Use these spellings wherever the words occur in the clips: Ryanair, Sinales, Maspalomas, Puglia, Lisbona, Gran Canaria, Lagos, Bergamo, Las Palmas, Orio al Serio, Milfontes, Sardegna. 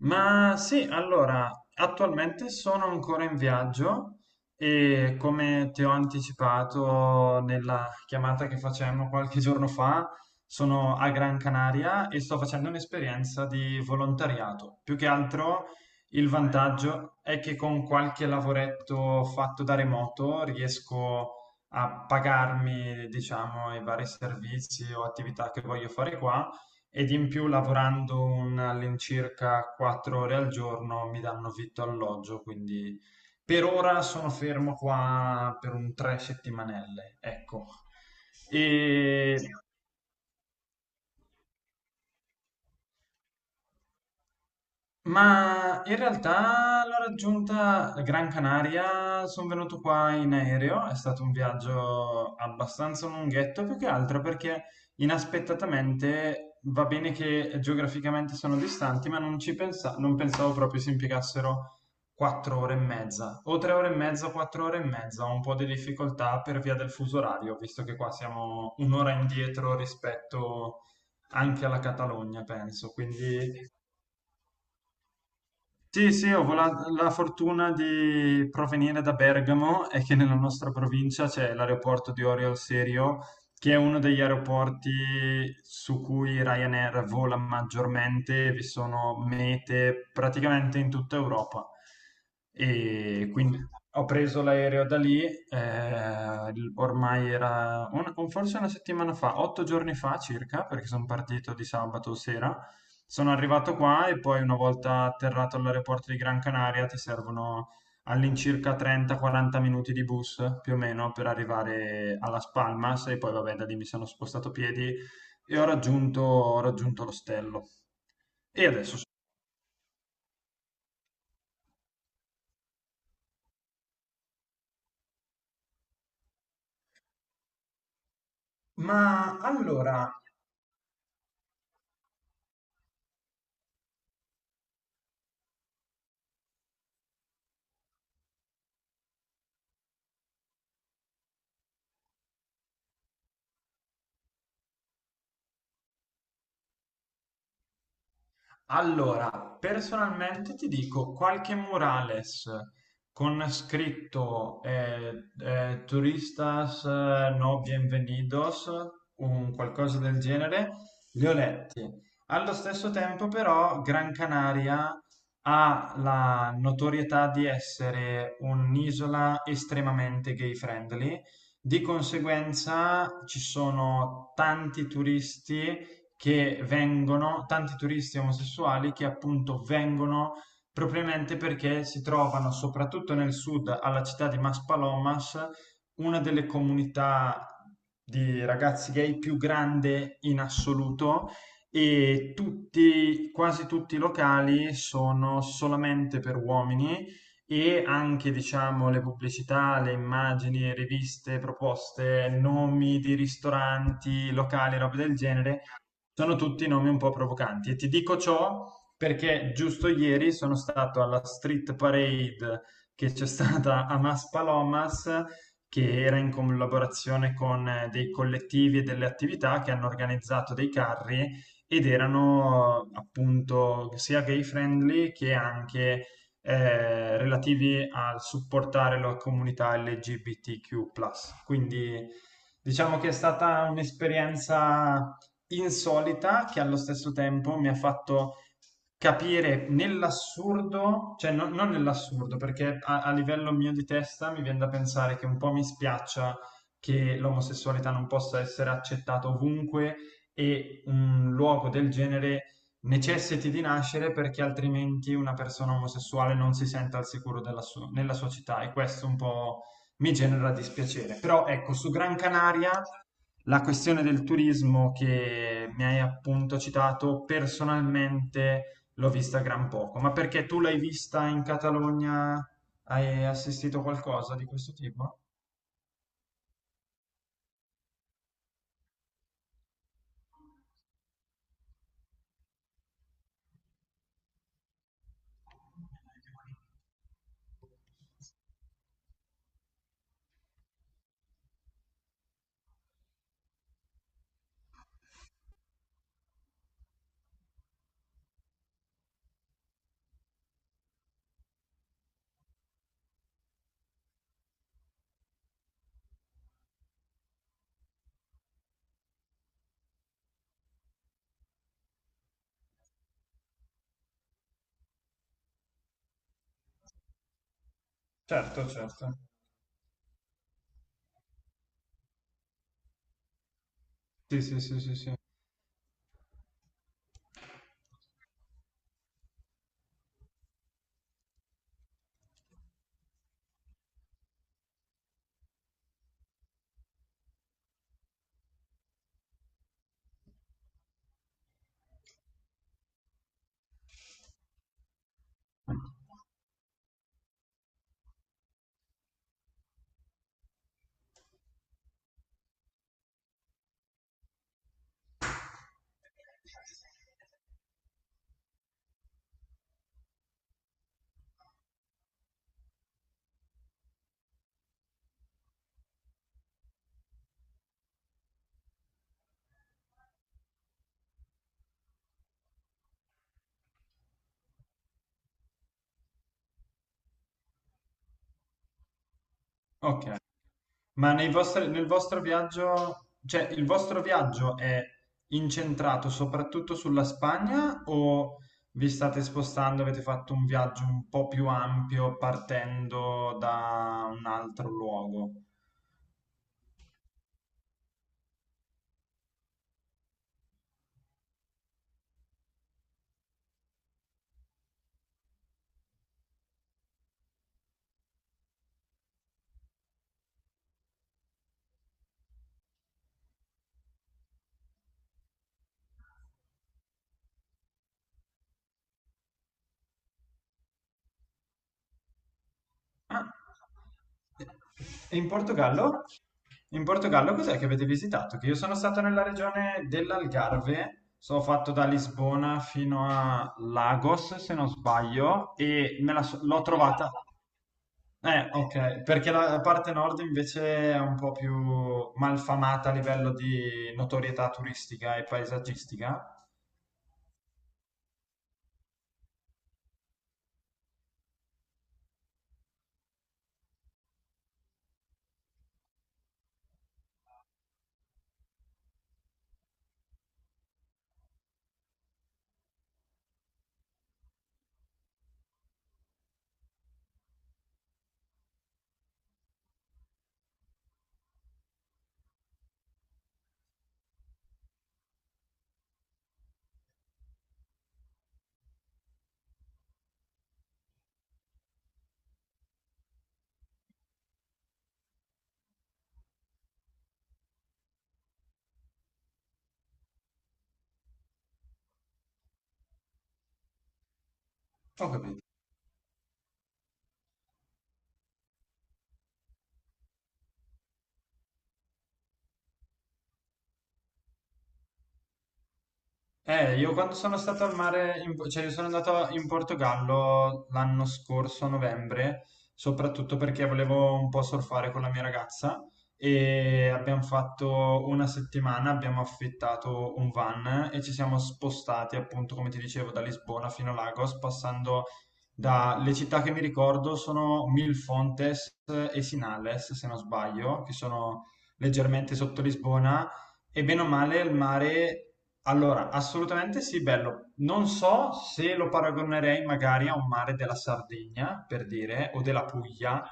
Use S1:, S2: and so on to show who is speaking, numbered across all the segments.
S1: Ma sì, allora, attualmente sono ancora in viaggio e come ti ho anticipato nella chiamata che facemmo qualche giorno fa, sono a Gran Canaria e sto facendo un'esperienza di volontariato. Più che altro il vantaggio è che con qualche lavoretto fatto da remoto riesco a pagarmi, diciamo, i vari servizi o attività che voglio fare qua ed in più lavorando all'incirca quattro ore al giorno mi danno vitto e alloggio, quindi per ora sono fermo qua per un tre settimanelle, ecco. E ma in realtà l'ho raggiunta a Gran Canaria, sono venuto qua in aereo, è stato un viaggio abbastanza lunghetto, più che altro perché inaspettatamente va bene che geograficamente sono distanti, ma non pensavo proprio si impiegassero quattro ore e mezza, o tre ore e mezza, quattro ore e mezza, ho un po' di difficoltà per via del fuso orario, visto che qua siamo un'ora indietro rispetto anche alla Catalogna, penso, quindi... Sì, sì, la fortuna di provenire da Bergamo e che nella nostra provincia c'è l'aeroporto di Orio al Serio che è uno degli aeroporti su cui Ryanair vola maggiormente, vi sono mete praticamente in tutta Europa. E quindi ho preso l'aereo da lì, ormai era forse una settimana fa, otto giorni fa circa, perché sono partito di sabato sera. Sono arrivato qua e poi una volta atterrato all'aeroporto di Gran Canaria ti servono all'incirca 30-40 minuti di bus più o meno per arrivare a Las Palmas e poi vabbè da lì mi sono spostato a piedi e ho raggiunto l'ostello. E adesso... Ma allora, allora, personalmente ti dico qualche murales con scritto Turistas no bienvenidos, un qualcosa del genere, li ho letti. Allo stesso tempo, però, Gran Canaria ha la notorietà di essere un'isola estremamente gay friendly, di conseguenza ci sono tanti turisti che vengono, tanti turisti omosessuali che appunto vengono propriamente perché si trovano soprattutto nel sud, alla città di Maspalomas, una delle comunità di ragazzi gay più grande in assoluto e tutti, quasi tutti i locali sono solamente per uomini e anche diciamo le pubblicità, le immagini, riviste, proposte, nomi di ristoranti, locali, roba del genere sono tutti nomi un po' provocanti e ti dico ciò perché giusto ieri sono stato alla street parade che c'è stata a Maspalomas, che era in collaborazione con dei collettivi e delle attività che hanno organizzato dei carri ed erano appunto sia gay friendly che anche relativi al supportare la comunità LGBTQ+. Quindi diciamo che è stata un'esperienza insolita che allo stesso tempo mi ha fatto capire nell'assurdo, cioè non nell'assurdo, perché a livello mio di testa mi viene da pensare che un po' mi spiaccia che l'omosessualità non possa essere accettata ovunque e un luogo del genere necessiti di nascere perché altrimenti una persona omosessuale non si senta al sicuro nella sua città e questo un po' mi genera dispiacere. Però ecco, su Gran Canaria la questione del turismo che mi hai appunto citato, personalmente l'ho vista gran poco, ma perché tu l'hai vista in Catalogna? Hai assistito qualcosa di questo tipo? Certo, certo. Sì, sì, sì, sì, sì. Ok. Ma nel vostro viaggio, cioè il vostro viaggio è incentrato soprattutto sulla Spagna o vi state spostando, avete fatto un viaggio un po' più ampio partendo da un altro luogo? Ah, e in Portogallo? In Portogallo cos'è che avete visitato? Che io sono stato nella regione dell'Algarve, sono fatto da Lisbona fino a Lagos, se non sbaglio, e l'ho trovata. Ok, perché la parte nord invece è un po' più malfamata a livello di notorietà turistica e paesaggistica. Ho capito. Io quando sono stato al mare, cioè io sono andato in Portogallo l'anno scorso, a novembre, soprattutto perché volevo un po' surfare con la mia ragazza e abbiamo fatto una settimana, abbiamo affittato un van e ci siamo spostati appunto, come ti dicevo, da Lisbona fino a Lagos, passando dalle città che mi ricordo sono Milfontes e Sinales, se non sbaglio, che sono leggermente sotto Lisbona. E bene o male il mare allora, assolutamente sì, bello. Non so se lo paragonerei magari a un mare della Sardegna, per dire, o della Puglia,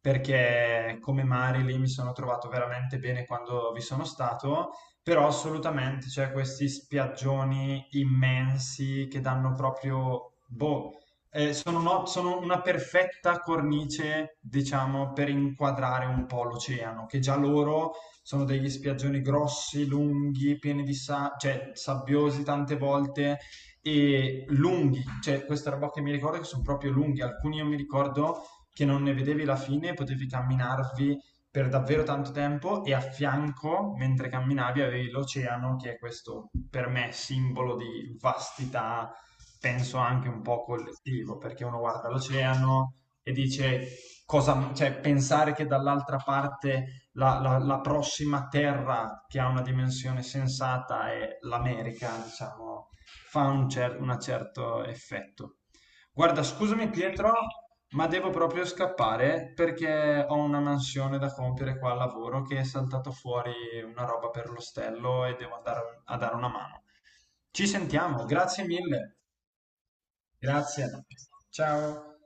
S1: perché come Mari lì mi sono trovato veramente bene quando vi sono stato, però assolutamente c'è questi spiaggioni immensi che danno proprio, boh, sono una perfetta cornice, diciamo, per inquadrare un po' l'oceano, che già loro sono degli spiaggioni grossi, lunghi, cioè sabbiosi tante volte e lunghi, cioè questa roba che mi ricordo che sono proprio lunghi, alcuni io mi ricordo che non ne vedevi la fine, potevi camminarvi per davvero tanto tempo e a fianco, mentre camminavi, avevi l'oceano, che è questo per me simbolo di vastità, penso anche un po' collettivo, perché uno guarda l'oceano e dice cosa, cioè pensare che dall'altra parte la prossima terra che ha una dimensione sensata è l'America, diciamo, fa un certo effetto. Guarda, scusami Pietro, ma devo proprio scappare perché ho una mansione da compiere qua al lavoro che è saltato fuori una roba per l'ostello e devo andare a dare una mano. Ci sentiamo, grazie mille. Grazie. Ciao.